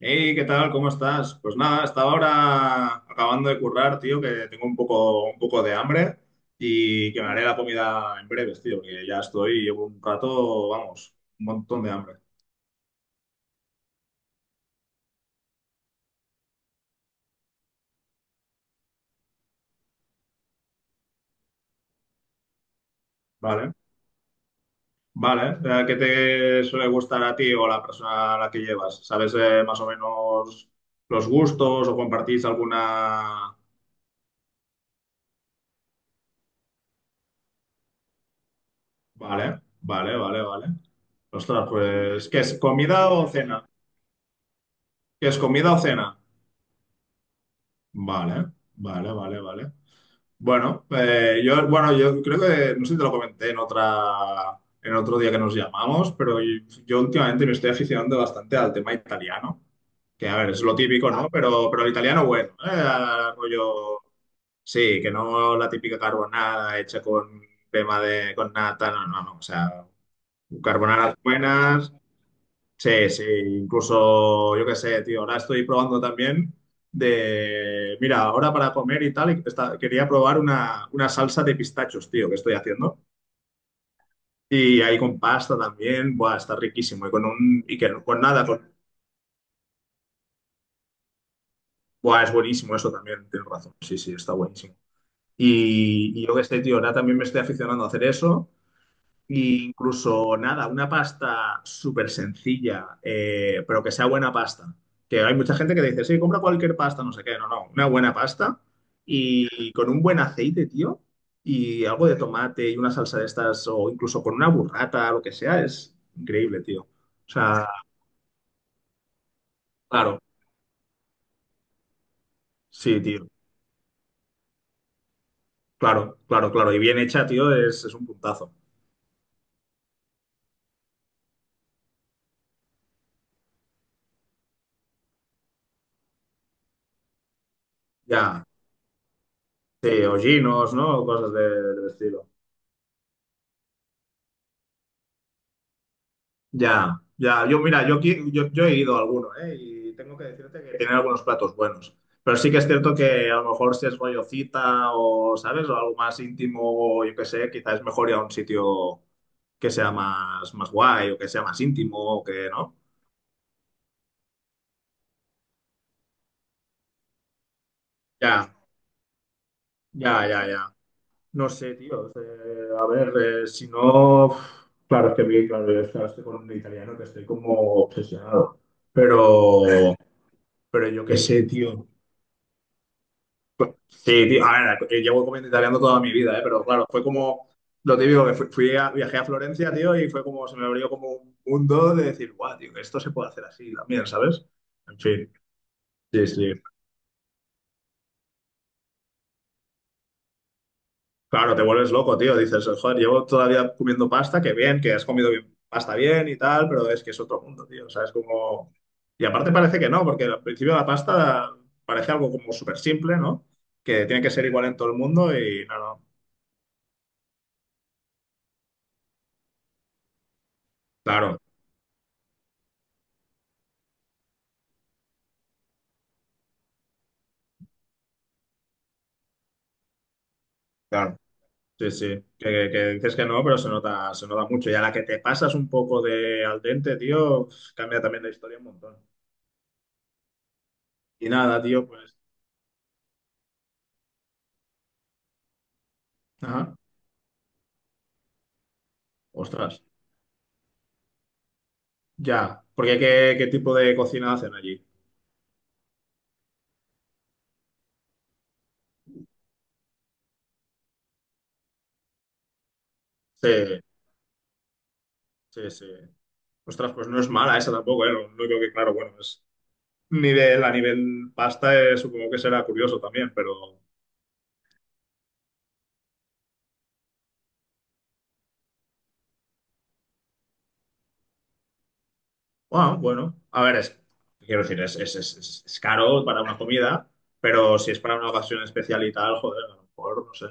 Hey, ¿qué tal? ¿Cómo estás? Pues nada, estaba ahora acabando de currar, tío, que tengo un poco de hambre y que me haré la comida en breves, tío, porque ya estoy, llevo un rato, vamos, un montón de hambre. Vale, vale. ¿Qué te suele gustar a ti o a la persona a la que llevas? ¿Sabes más o menos los gustos o compartís alguna? Vale, vale, vale, vale. Ostras, pues, ¿qué es comida o cena? ¿Qué es comida o cena? Vale, vale, vale, vale. Bueno, bueno, yo creo que, no sé si te lo comenté en otro día que nos llamamos, pero yo últimamente me estoy aficionando bastante al tema italiano, que a ver, es lo típico, ah, ¿no? Pero el italiano bueno, rollo, sí, que no la típica carbonada hecha con con nata, no, no, no, o sea, carbonadas buenas, sí, sí, incluso, yo qué sé, tío, ahora estoy probando también mira, ahora para comer y tal, y quería probar una salsa de pistachos, tío, que estoy haciendo. Y ahí con pasta también, buah, está riquísimo. Y con un, y que no- con nada, con, buah, es buenísimo eso también, tienes razón. Sí, sí, está buenísimo. Y yo qué sé, tío, ahora también me estoy aficionando a hacer eso. Y incluso nada, una pasta súper sencilla, pero que sea buena pasta. Que hay mucha gente que dice, sí, compra cualquier pasta, no sé qué. No, no, una buena pasta y con un buen aceite, tío, y algo de tomate y una salsa de estas, o incluso con una burrata, lo que sea, es increíble, tío. O sea, claro, sí, tío, claro, claro, claro. Y bien hecha, tío, es un puntazo. Ya, sí, hollinos, ¿no? Cosas del estilo. Ya, ya. Mira, yo he ido a alguno, ¿eh? Y tengo que decirte que tienen algunos platos buenos. Pero sí que es cierto que a lo mejor si es rollo cita o, ¿sabes?, o algo más íntimo, o yo qué sé, quizás es mejor ir a un sitio que sea más, más guay o que sea más íntimo o que, ¿no? Ya, ya, ya, ya. No sé, tío. O sea, a ver, si no, uf, claro, es que vi, claro, estoy con un italiano que estoy como obsesionado. Pero, pero yo qué sé, tío. Sí, tío, a ver, llevo comiendo italiano toda mi vida, ¿eh? Pero claro, fue como lo típico que fui, viajé a Florencia, tío, y fue como, se me abrió como un mundo de decir, guau, tío, que esto se puede hacer así también, ¿sabes? En fin, sí, sí. Claro, te vuelves loco, tío, dices, joder, llevo todavía comiendo pasta, que bien, que has comido bien, pasta bien y tal, pero es que es otro mundo, tío, o sea, es como. Y aparte parece que no, porque al principio la pasta parece algo como súper simple, ¿no? Que tiene que ser igual en todo el mundo y no, no, claro. Claro. Sí, sí, que, que dices que no, pero se nota mucho. Y a la que te pasas un poco de al dente, tío, cambia también la historia un montón. Y nada, tío, pues. Ajá. Ostras, ya. Porque qué, tipo de cocina hacen allí. Sí, sí, sí. Ostras, pues no es mala esa tampoco, ¿eh? Lo único que, claro, bueno, a nivel pasta, supongo que será curioso también, pero. Bueno, bueno. A ver, quiero decir, es caro para una comida, pero si es para una ocasión especial y tal, joder, a lo mejor, no sé.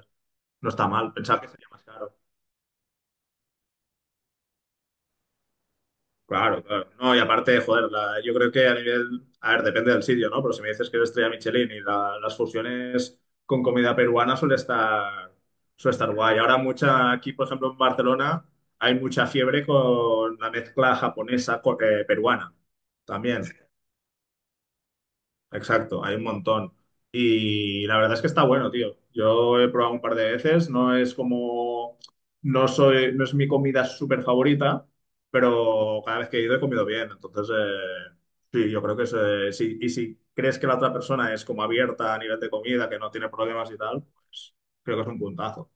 No está mal, pensaba que sería más caro. Claro, claro. No, y aparte, joder, yo creo que a nivel, a ver, depende del sitio, ¿no? Pero si me dices que es estrella Michelin y las fusiones con comida peruana suele estar guay. Ahora aquí, por ejemplo, en Barcelona hay mucha fiebre con la mezcla japonesa con, peruana también. Exacto, hay un montón. Y la verdad es que está bueno, tío. Yo he probado un par de veces, no es como, no soy, no es mi comida súper favorita, pero cada vez que he ido he comido bien. Entonces, sí, yo creo que sí. Y si crees que la otra persona es como abierta a nivel de comida, que no tiene problemas y tal, pues creo que es un puntazo.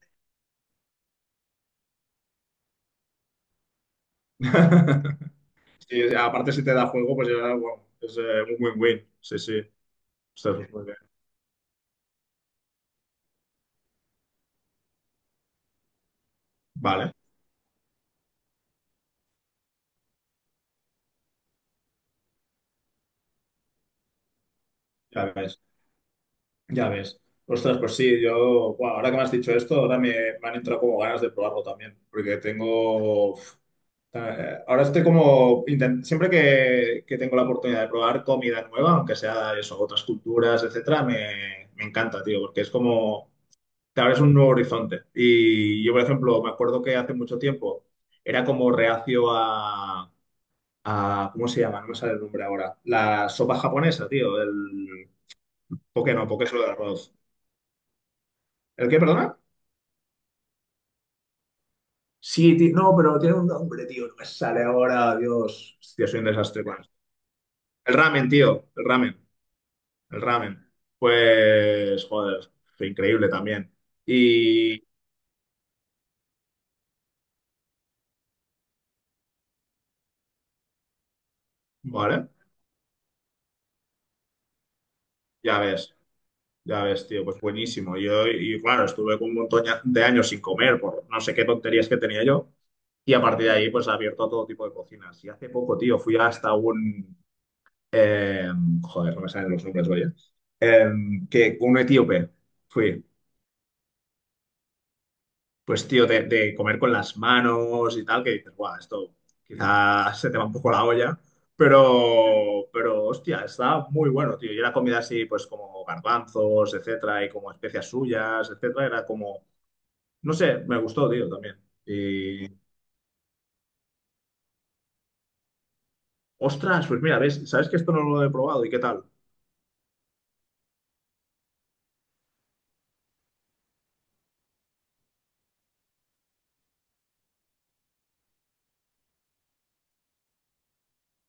Sí, aparte si te da juego, pues ya, bueno, es un win-win. Sí, sí. Entonces, muy bien. Vale, ya ves. Ya ves. Ostras, pues sí, yo, buah, ahora que me has dicho esto, ahora me han entrado como ganas de probarlo también, porque tengo, uf, ahora estoy como, siempre que tengo la oportunidad de probar comida nueva, aunque sea eso, otras culturas, etcétera, me encanta, tío, porque es como, te abres un nuevo horizonte. Y yo, por ejemplo, me acuerdo que hace mucho tiempo era como reacio a, ¿cómo se llama? No me sale el nombre ahora. La sopa japonesa, tío, el poke no, poke solo de arroz. ¿El qué, perdona? Sí, no, pero tiene un nombre, tío. No me sale ahora, Dios. Hostia, soy un desastre con esto. El ramen, tío. El ramen. El ramen. Pues, joder, fue increíble también. Y, vale, ya ves, ya ves, tío, pues buenísimo. Yo, y claro, estuve con un montón de años sin comer por no sé qué tonterías que tenía yo. Y a partir de ahí, pues, abierto a todo tipo de cocinas. Y hace poco, tío, fui hasta un, joder, no me salen los nombres, oye. Que un etíope fui pues tío, de comer con las manos y tal, que dices, guau, esto quizás se te va un poco la olla, pero hostia, está muy bueno, tío. Y era comida así, pues como garbanzos, etcétera, y como especias suyas, etcétera, era como, no sé, me gustó, tío, también. Y, ostras, pues mira, ves, ¿sabes que esto no lo he probado? ¿Y qué tal?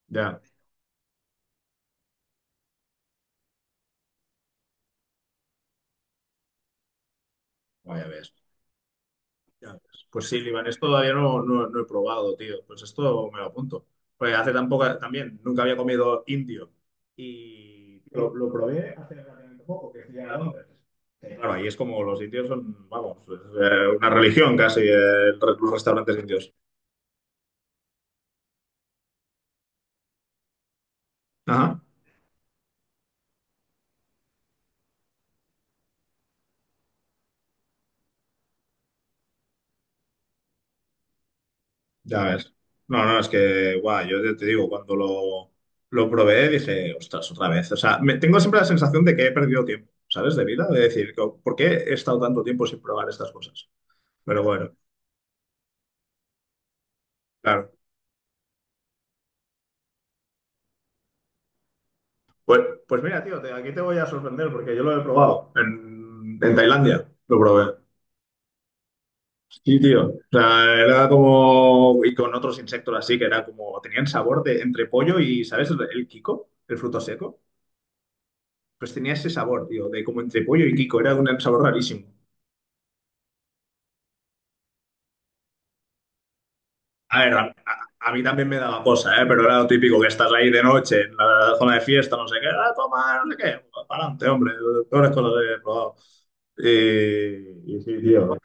Ya, vaya, ves. Ya ves. Pues sí, libanés todavía no, no, no he probado, tío. Pues esto me lo apunto. Porque hace tampoco, también, nunca había comido indio. Y lo probé hace relativamente poco, que fui a Londres. Claro, ahí es como los indios son, vamos, una religión casi, los restaurantes indios. Ajá, ya ves. No, no, es que, guau, yo te digo, cuando lo probé dije, ostras, otra vez. O sea, tengo siempre la sensación de que he perdido tiempo, ¿sabes? De vida, de decir, ¿por qué he estado tanto tiempo sin probar estas cosas? Pero bueno, claro. Pues, pues mira, tío, aquí te voy a sorprender porque yo lo he probado en, Tailandia. Lo probé. Sí, tío. O sea, era como. Y con otros insectos así, que era como. Tenían sabor de entre pollo y, ¿sabes?, el kiko, el fruto seco. Pues tenía ese sabor, tío, de como entre pollo y kiko. Era un sabor rarísimo. A ver, a mí también me daba cosa, ¿eh? Pero era lo típico, que estás ahí de noche en la zona de fiesta, no sé qué. Ah, toma, no sé qué. Para adelante, hombre. Peores cosas he probado. Y sí, tío.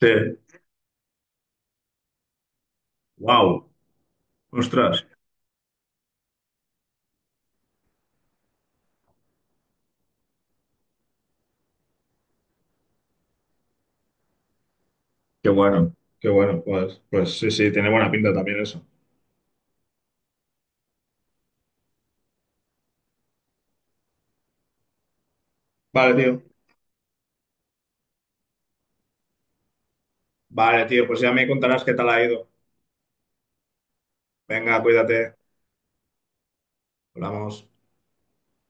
Sí, wow, ostras, qué bueno, qué bueno, pues sí, sí, tiene buena pinta también eso. Vale, tío, vale, tío, pues ya me contarás qué tal ha ido. Venga, cuídate, hablamos.